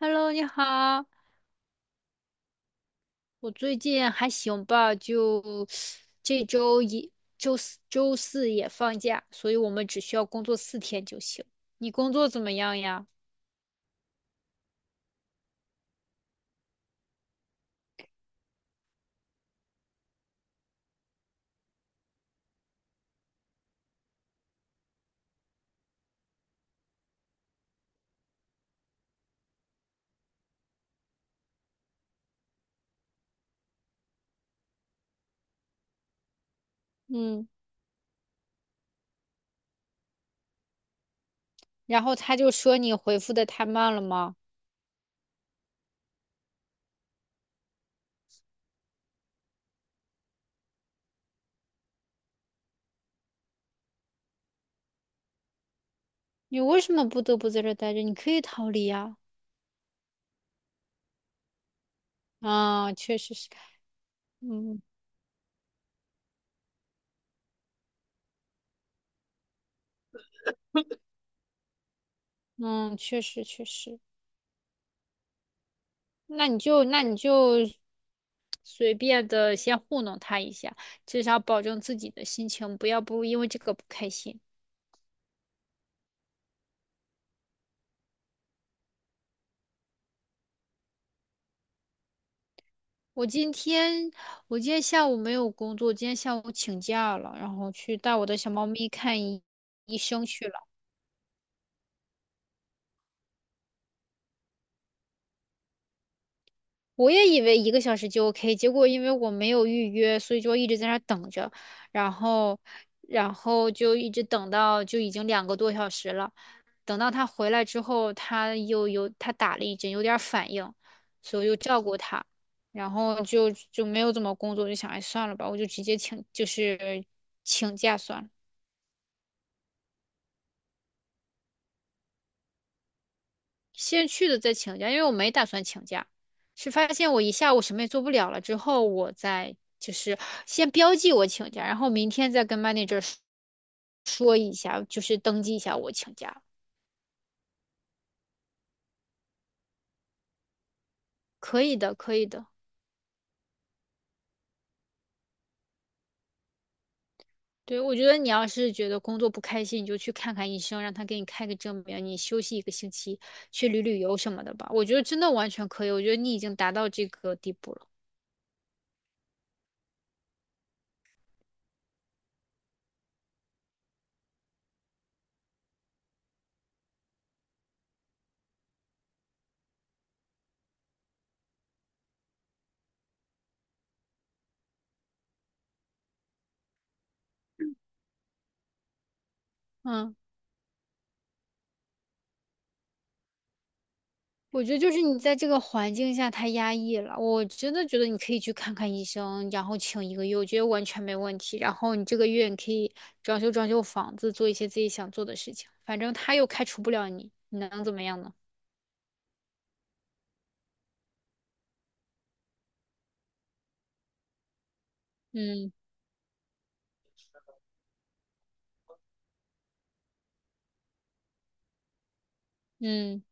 Hello，你好，我最近还行吧，就这周一、周四、也放假，所以我们只需要工作四天就行。你工作怎么样呀？嗯，然后他就说你回复的太慢了吗？你为什么不得不在这儿待着？你可以逃离呀。啊，确实是，嗯嗯，确实，那你就随便的先糊弄他一下，至少保证自己的心情不要不因为这个不开心。我今天我今天下午没有工作，今天下午请假了，然后去带我的小猫咪看医生去了。我也以为一个小时就 OK，结果因为我没有预约，所以就一直在那儿等着，然后然后就一直等到就已经两个多小时了。等到他回来之后，他又有他打了一针，有点儿反应，所以我就照顾他。然后就没有怎么工作，就想，哎，算了吧，我就直接请，就是请假算了。先去的再请假，因为我没打算请假，是发现我一下午什么也做不了了之后，我再就是先标记我请假，然后明天再跟 manager 说一下，就是登记一下我请假，可以的，可以的。对，我觉得你要是觉得工作不开心，你就去看看医生，让他给你开个证明，你休息一个星期，去旅旅游什么的吧。我觉得真的完全可以，我觉得你已经达到这个地步了。嗯。我觉得就是你在这个环境下太压抑了，我真的觉得你可以去看看医生，然后请一个月，我觉得完全没问题。然后你这个月你可以装修装修房子，做一些自己想做的事情，反正他又开除不了你，你能怎么样呢？嗯嗯，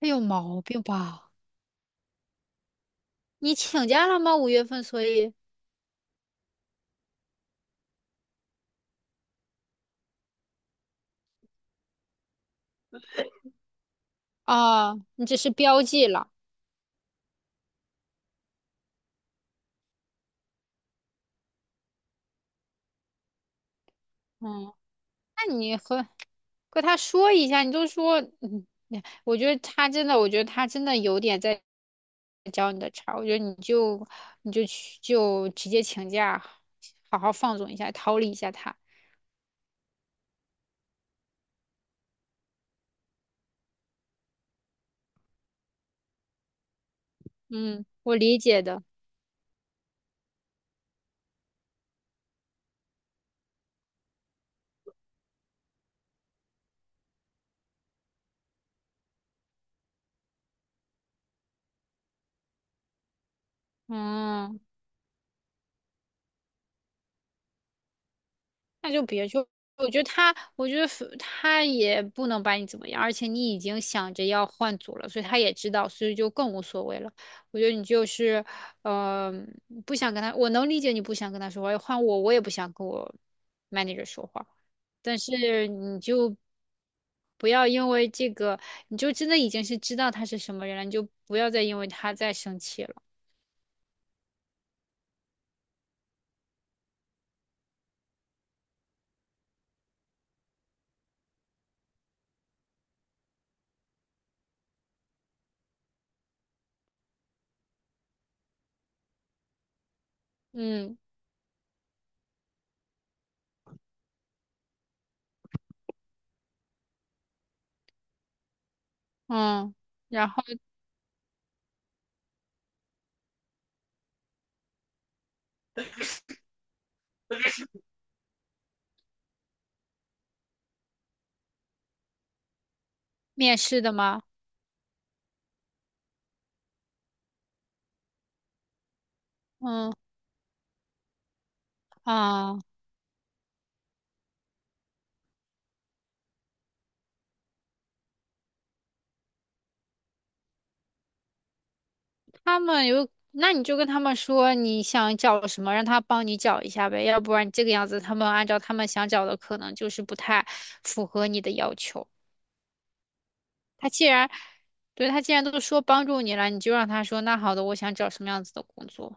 他有毛病吧？你请假了吗？五月份，所以啊，你只是标记了。嗯，那你和跟他说一下，你就说，嗯，哎我觉得他真的，我觉得他真的有点在教你的茬儿我觉得你就去就直接请假，好好放纵一下，逃离一下他。嗯，我理解的。嗯。那就别去。我觉得他也不能把你怎么样，而且你已经想着要换组了，所以他也知道，所以就更无所谓了。我觉得你就是，嗯、不想跟他，我能理解你不想跟他说话，换我，我也不想跟我 manager 说话，但是你就不要因为这个，你就真的已经是知道他是什么人了，你就不要再因为他再生气了。嗯嗯，然后面试的吗？嗯啊。他们有，那你就跟他们说你想找什么，让他帮你找一下呗，要不然这个样子，他们按照他们想找的，可能就是不太符合你的要求。他既然，对，他既然都说帮助你了，你就让他说，那好的，我想找什么样子的工作。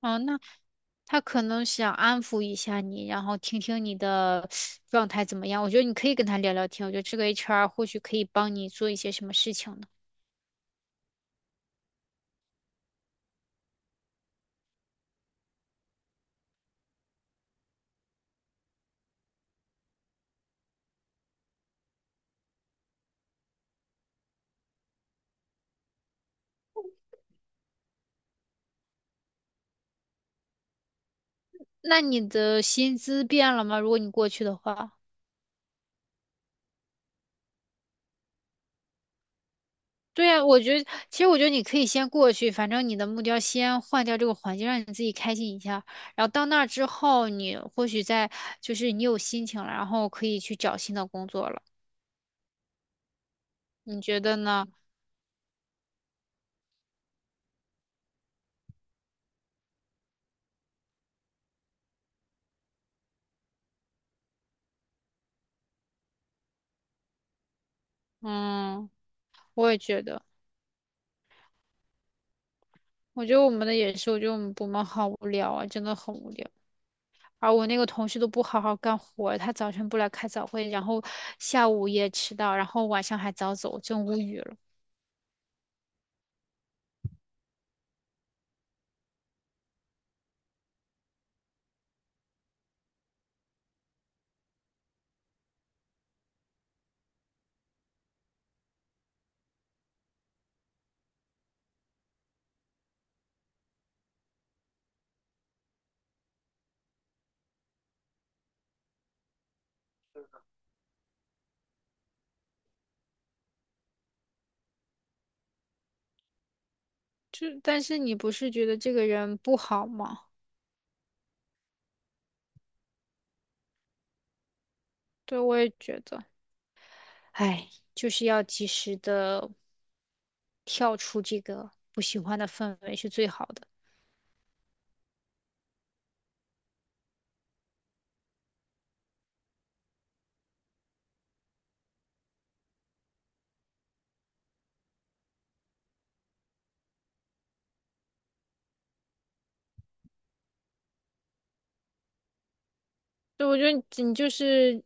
嗯，那他可能想安抚一下你，然后听听你的状态怎么样。我觉得你可以跟他聊聊天，我觉得这个 HR 或许可以帮你做一些什么事情呢。那你的薪资变了吗？如果你过去的话。对呀，我觉得，其实我觉得你可以先过去，反正你的目标先换掉这个环境，让你自己开心一下。然后到那儿之后，你或许再就是你有心情了，然后可以去找新的工作了。你觉得呢？嗯，我也觉得，我觉得我们的也是，我觉得我们部门好无聊啊，真的很无聊。而我那个同事都不好好干活儿他早晨不来开早会，然后下午也迟到，然后晚上还早走，真无语了。就但是你不是觉得这个人不好吗？对，我也觉得。哎，就是要及时的跳出这个不喜欢的氛围是最好的。所以我觉得你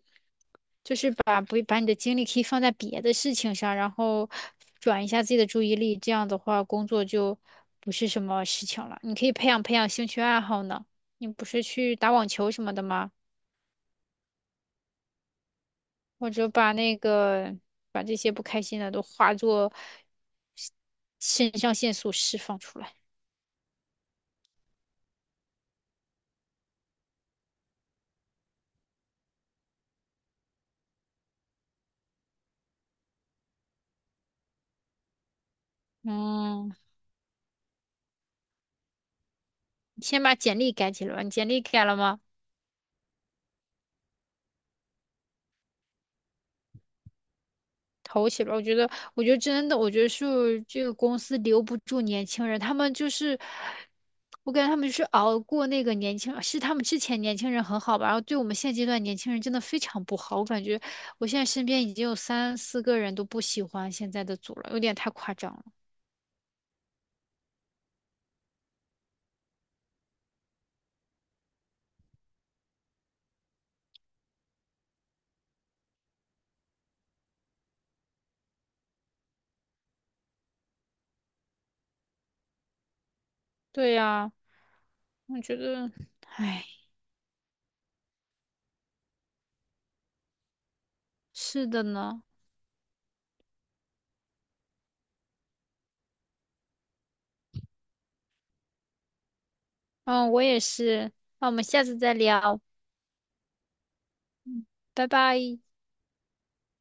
就是把不把你的精力可以放在别的事情上，然后转一下自己的注意力，这样的话工作就不是什么事情了。你可以培养培养兴趣爱好呢。你不是去打网球什么的吗？或者把那个把这些不开心的都化作肾上腺素释放出来。嗯。你先把简历改起来吧。你简历改了吗？投起来。我觉得，我觉得真的，我觉得是这个公司留不住年轻人，他们就是，我感觉他们就是熬过那个年轻，是他们之前年轻人很好吧，然后对我们现阶段年轻人真的非常不好。我感觉我现在身边已经有三四个人都不喜欢现在的组了，有点太夸张了。对呀，我觉得，唉，是的呢。嗯，我也是。那我们下次再聊，拜拜。